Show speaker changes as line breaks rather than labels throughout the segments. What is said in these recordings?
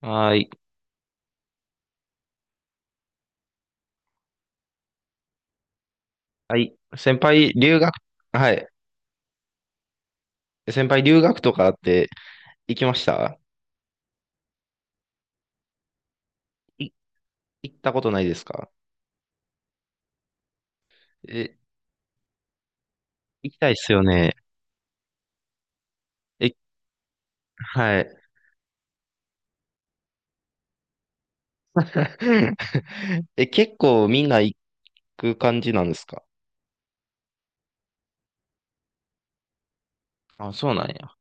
はーい。はい。先輩、留学、はい。先輩、留学とかって行きました？い、行ったことないですか？え、行きたいっすよね。え、はい。え、結構みんな行く感じなんですか？あ、そうなんや。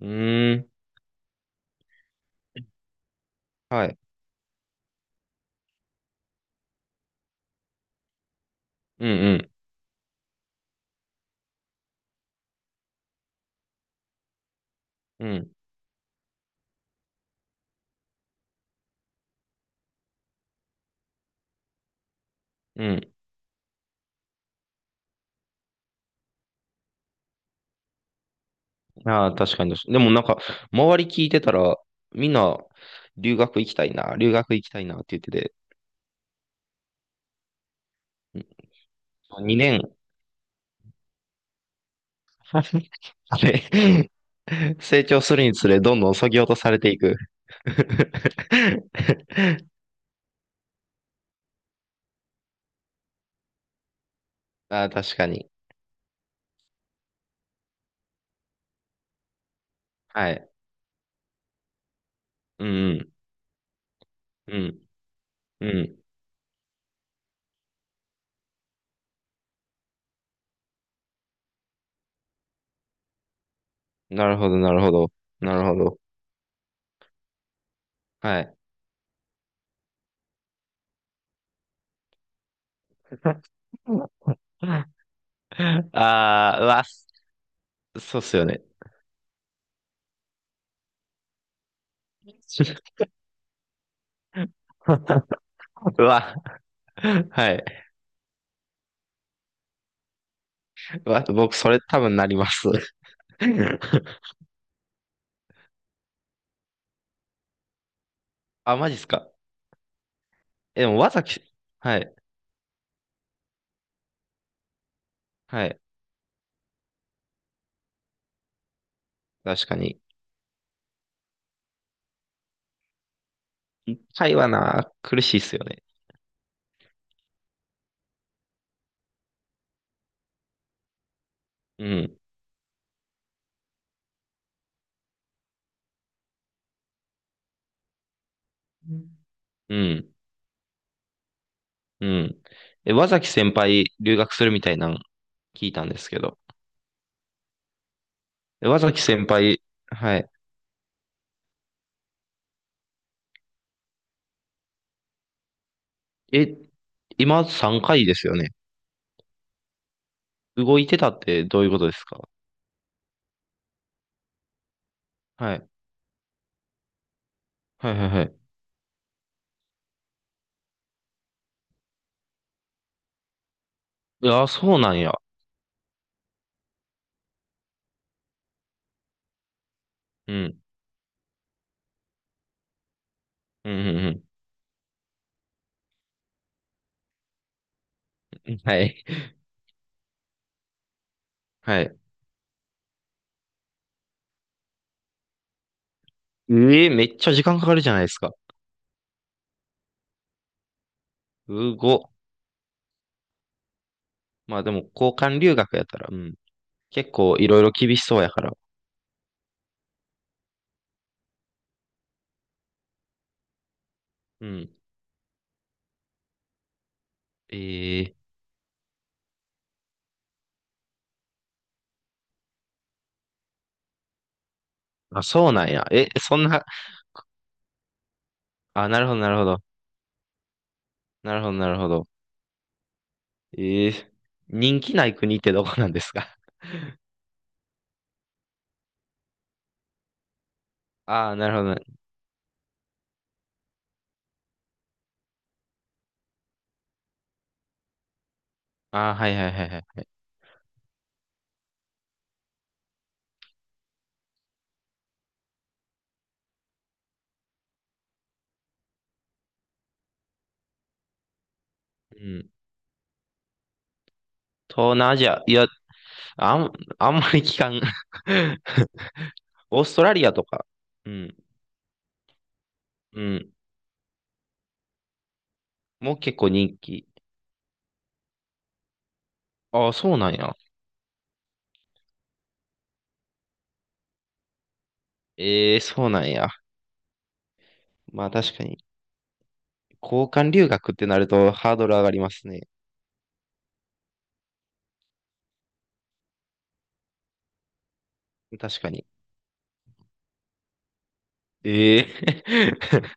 うーん。はい。うんうん。うん。うん。ああ、確かに確かに。でもなんか、周り聞いてたら、みんな、留学行きたいな、留学行きたいなって言ってて、2年、あれ、あれ、成長するにつれ、どんどん削ぎ落とされていく。ああ、確かに。はい。うん、うん、うん、うん。なるほど、なるほど。なるほど。はい。ああ、うわ、そうっすよね。うわ、はい。うわ、僕、それ多分なります。あ、マジっすか。え、でも、わざき、はい、はい。確かに。会話な、苦しいっすよね。うん。うんうん、え、和崎先輩、留学するみたいなの聞いたんですけど。え、和崎先輩、はい。え、今3回ですよね。動いてたってどういうことですか？はい。はいはいはい。いや、そうなんや。うん。うんうんうん。はい。はい。ええ、めっちゃ時間かかるじゃないですか。うご。まあでも、交換留学やったら、うん。結構いろいろ厳しそうやから。うん。ええ、あ、そうなんや。え、そんな、あ、なるほどなるほど。なるほどなるほど。ええ、人気ない国ってどこなんですか？ ああ、なるほどね。ああ、はいはいはいはいはい。うん。東南アジア、いや、あん、あんまり聞かん。オーストラリアとか。うん。うん。もう結構人気。ああ、そうなんや。ええ、そうなんや。まあ確かに。交換留学ってなるとハードル上がりますね。確かに。ええ。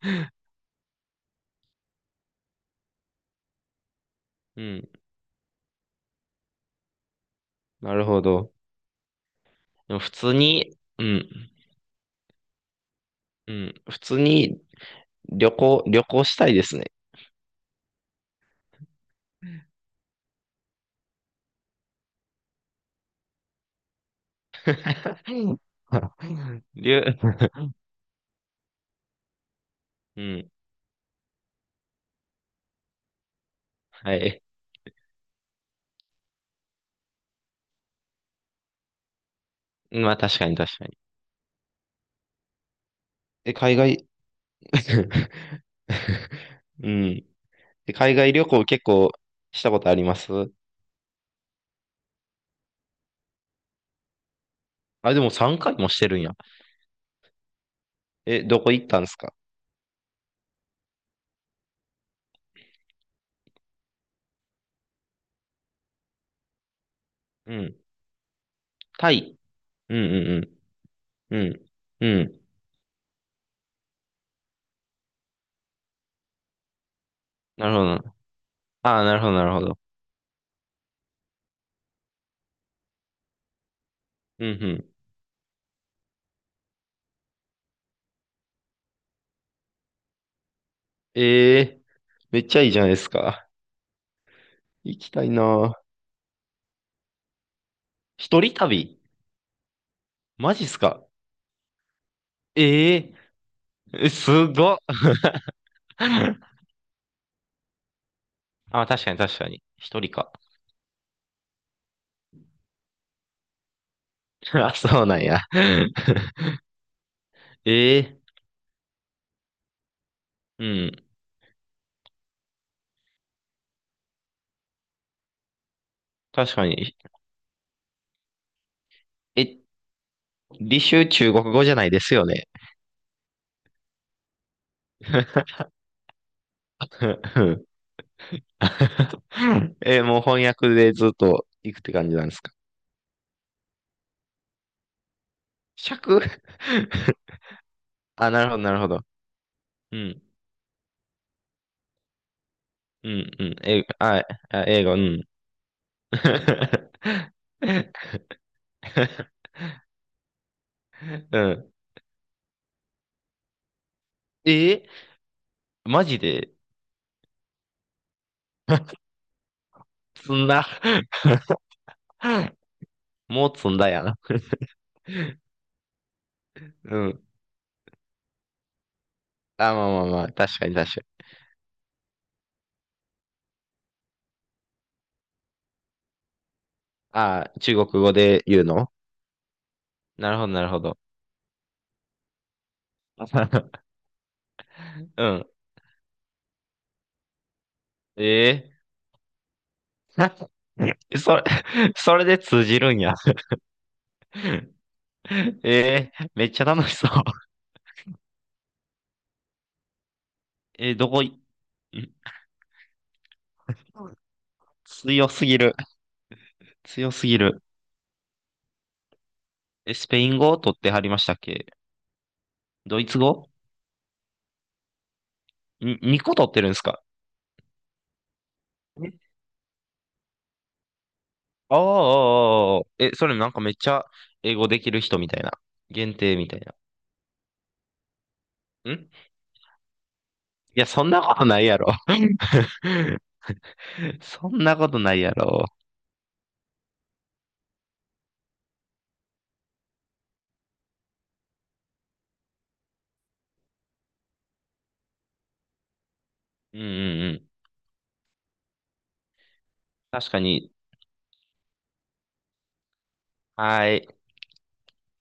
うん。なるほど。でも普通に、うん。うん。普通に旅行したいですね。うん。 りゅう うん、はい。まあ確かに確かに。え、海外、うん。え、海外旅行結構したことあります？あ、でも3回もしてるんや。え、どこ行ったんですか？うん。タイ。うんうんうん。うん。うん。なるほどな。ああ、なるほどなるほど。うんうん。ええ、めっちゃいいじゃないですか。行きたいな。一人旅？マジっすか？えええ、すごっ。あ、確かに確かに。一人か。あ、そうなんや。ええ、うん。確かに。え、履修中国語じゃないですよね。うん。 え、もう翻訳でずっと行くって感じなんですか。尺。 あ、なるほど、なるほど。うん、うん、うん。英語、あ、英語、うん。うん。え、マジで。 積んだ。 もう積んだやな。 うん。あ、まあまあまあ、確かに確かに。ああ、中国語で言うの？なるほど、なるほど。うん。ええ。 それ、それで通じるんや。ええ、めっちゃ楽しそう。えーどこい、ん強すぎる。強すぎる。え、スペイン語を取ってはりましたっけ？ドイツ語に ?2 個取ってるんですか？え、ああー、あーあー、え、それなんかめっちゃ英語できる人みたいな。限定みたいな。いや、そんなことないやろ。そんなことないやろ。うんうんうん。確かに。はい。